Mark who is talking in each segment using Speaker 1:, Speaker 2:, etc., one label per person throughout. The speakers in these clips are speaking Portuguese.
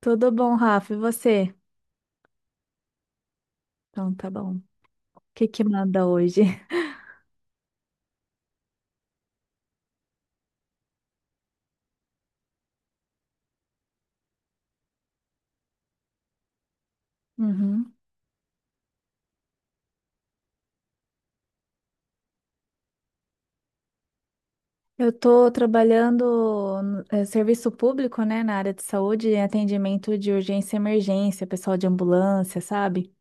Speaker 1: Tudo bom, Rafa? E você? Então, tá bom. O que que manda hoje? Uhum. Eu tô trabalhando no serviço público, né, na área de saúde, em atendimento de urgência e emergência, pessoal de ambulância, sabe?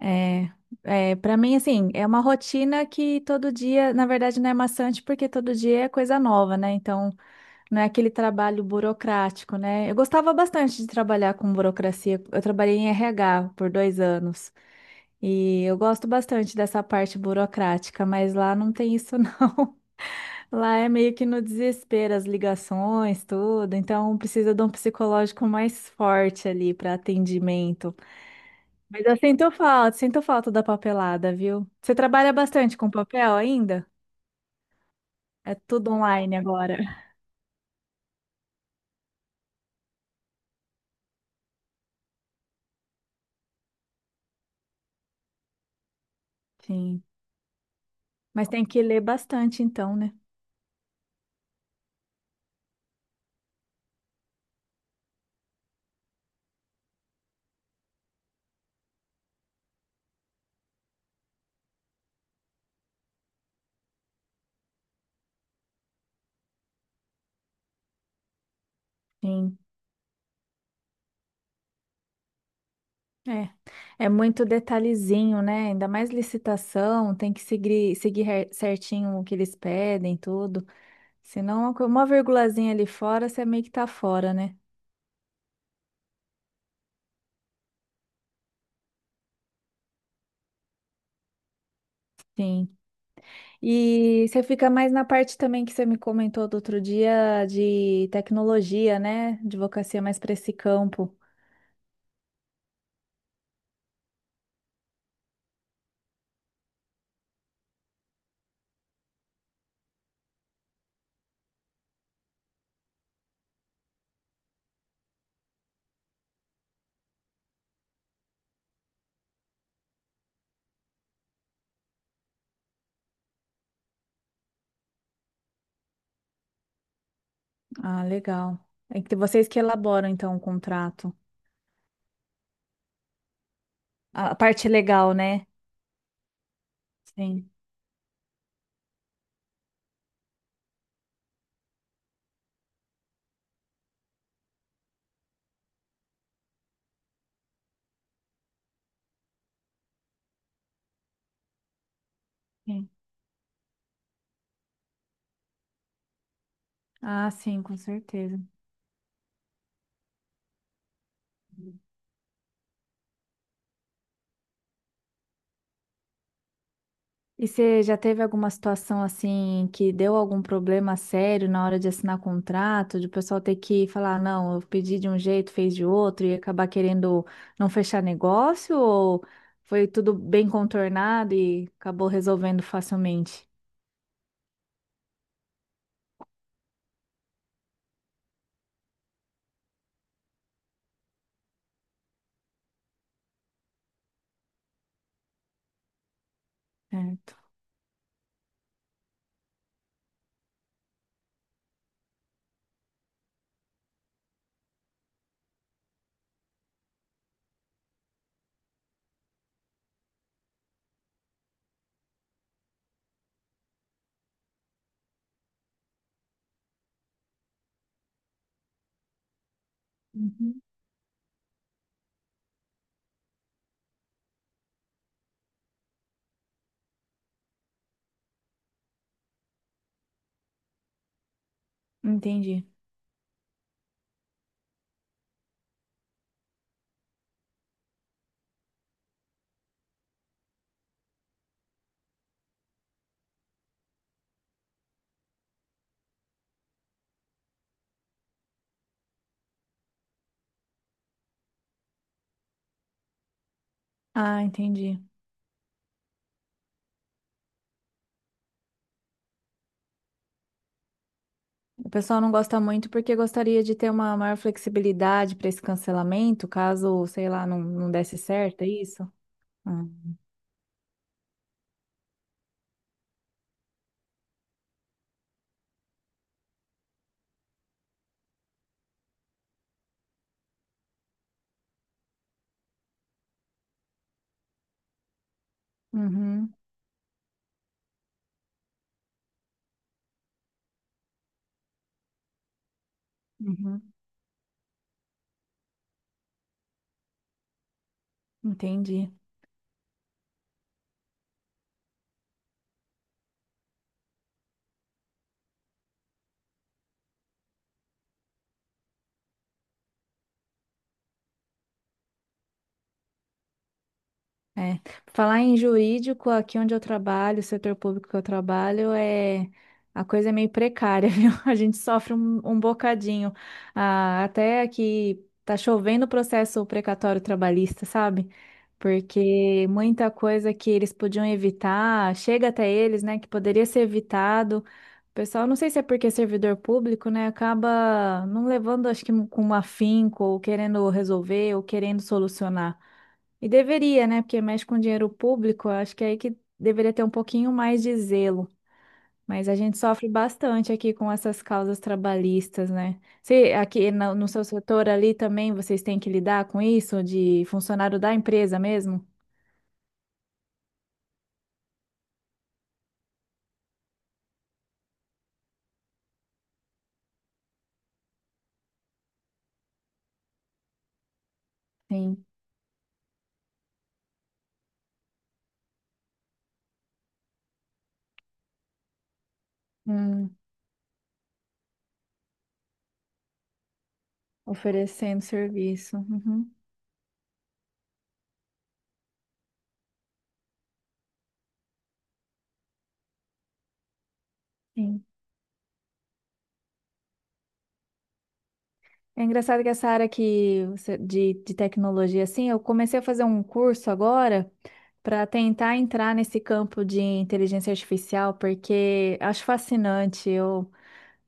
Speaker 1: É, é, para mim, assim, é uma rotina que todo dia, na verdade, não é maçante porque todo dia é coisa nova, né? Então, não é aquele trabalho burocrático, né? Eu gostava bastante de trabalhar com burocracia. Eu trabalhei em RH por 2 anos. E eu gosto bastante dessa parte burocrática, mas lá não tem isso não. Lá é meio que no desespero as ligações, tudo, então precisa de um psicológico mais forte ali para atendimento. Mas eu sinto falta da papelada, viu? Você trabalha bastante com papel ainda? É tudo online agora. Sim, mas tem que ler bastante então, né? Sim. É, é muito detalhezinho, né? Ainda mais licitação, tem que seguir, certinho o que eles pedem, tudo. Senão, uma virgulazinha ali fora, você meio que tá fora, né? Sim. E você fica mais na parte também que você me comentou do outro dia de tecnologia, né? Advocacia mais para esse campo. Ah, legal. É que vocês que elaboram, então, o contrato. A parte legal, né? Sim. Sim. Ah, sim, com certeza. E você já teve alguma situação assim que deu algum problema sério na hora de assinar contrato, de o pessoal ter que falar, não, eu pedi de um jeito, fez de outro, e acabar querendo não fechar negócio, ou foi tudo bem contornado e acabou resolvendo facilmente? Certo. Uhum. Entendi. Ah, entendi. O pessoal não gosta muito porque gostaria de ter uma maior flexibilidade para esse cancelamento, caso, sei lá, não desse certo, é isso? Ah. Uhum, uhum. Entendi. É. Falar em jurídico, aqui onde eu trabalho, o setor público que eu trabalho, a coisa é meio precária, viu? A gente sofre um bocadinho. Ah, até que tá chovendo o processo precatório trabalhista, sabe? Porque muita coisa que eles podiam evitar, chega até eles, né, que poderia ser evitado. O pessoal, não sei se é porque é servidor público, né, acaba não levando, acho que com um afinco, ou querendo resolver, ou querendo solucionar. E deveria, né? Porque mexe com dinheiro público, eu acho que é aí que deveria ter um pouquinho mais de zelo. Mas a gente sofre bastante aqui com essas causas trabalhistas, né? Se aqui no seu setor ali também vocês têm que lidar com isso, de funcionário da empresa mesmo? Sim. Hum, oferecendo serviço. Uhum. Sim. É engraçado que essa área de tecnologia, assim, eu comecei a fazer um curso agora para tentar entrar nesse campo de inteligência artificial, porque acho fascinante.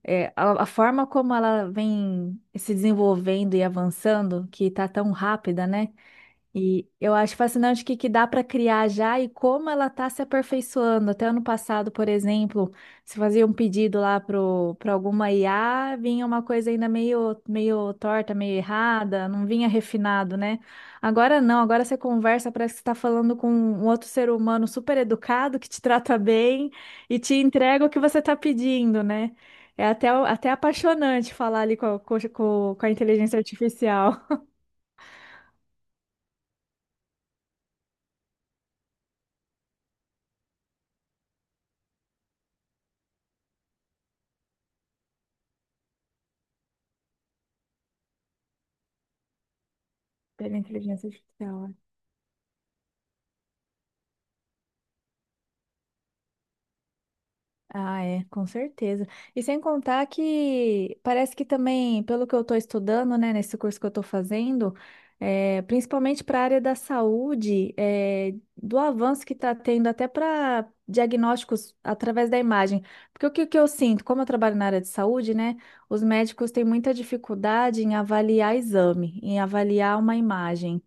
Speaker 1: É, a forma como ela vem se desenvolvendo e avançando, que está tão rápida, né? E eu acho fascinante o que, que dá para criar já e como ela está se aperfeiçoando. Até ano passado, por exemplo, se fazia um pedido lá para alguma IA, vinha uma coisa ainda meio torta, meio errada, não vinha refinado, né? Agora não, agora você conversa, parece que você está falando com um outro ser humano super educado que te trata bem e te entrega o que você está pedindo, né? É até apaixonante falar ali a com a inteligência artificial. Pela inteligência artificial, ah, é, com certeza. E sem contar que parece que também, pelo que eu estou estudando, né, nesse curso que eu estou fazendo, é, principalmente para a área da saúde, é, do avanço que está tendo até para diagnósticos através da imagem. Porque o que, que eu sinto, como eu trabalho na área de saúde, né, os médicos têm muita dificuldade em avaliar exame, em avaliar uma imagem.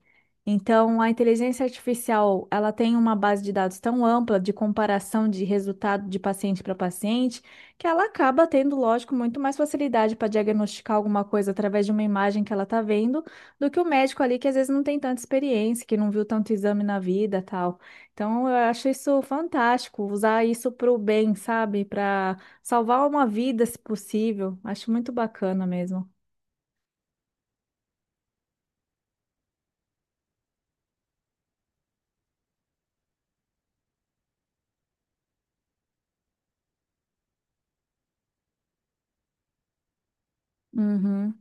Speaker 1: Então, a inteligência artificial, ela tem uma base de dados tão ampla de comparação de resultado de paciente para paciente, que ela acaba tendo, lógico, muito mais facilidade para diagnosticar alguma coisa através de uma imagem que ela está vendo, do que o médico ali que às vezes não tem tanta experiência, que não viu tanto exame na vida, tal. Então, eu acho isso fantástico, usar isso para o bem, sabe? Para salvar uma vida, se possível. Acho muito bacana mesmo. Uhum.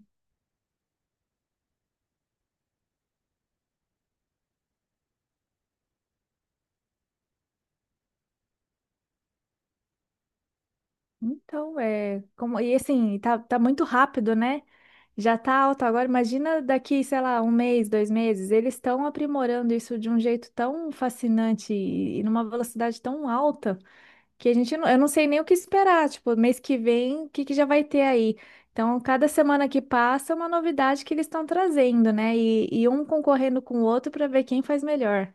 Speaker 1: Então, é, como, e assim, tá muito rápido, né? Já tá alto agora. Imagina daqui, sei lá, 1 mês, 2 meses. Eles estão aprimorando isso de um jeito tão fascinante e numa velocidade tão alta que a gente não, eu não sei nem o que esperar. Tipo, mês que vem, o que que já vai ter aí? Então, cada semana que passa é uma novidade que eles estão trazendo, né? E um concorrendo com o outro para ver quem faz melhor.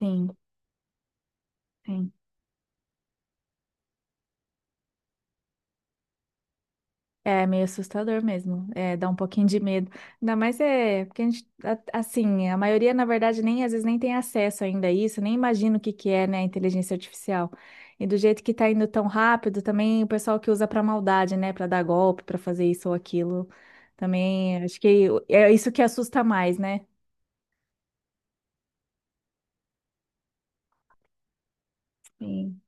Speaker 1: Sim, sim. É meio assustador mesmo, é, dá um pouquinho de medo. Ainda mais é, porque assim, a maioria, na verdade, nem às vezes nem tem acesso ainda a isso, nem imagina o que que é, né, a inteligência artificial. E do jeito que tá indo tão rápido, também o pessoal que usa pra maldade, né, pra dar golpe, pra fazer isso ou aquilo, também acho que é isso que assusta mais, né? Sim.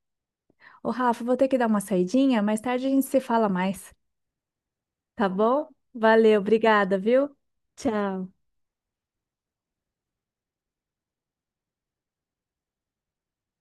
Speaker 1: Ô, Rafa, vou ter que dar uma saidinha, mais tarde a gente se fala mais, tá bom? Valeu, obrigada, viu? Tchau.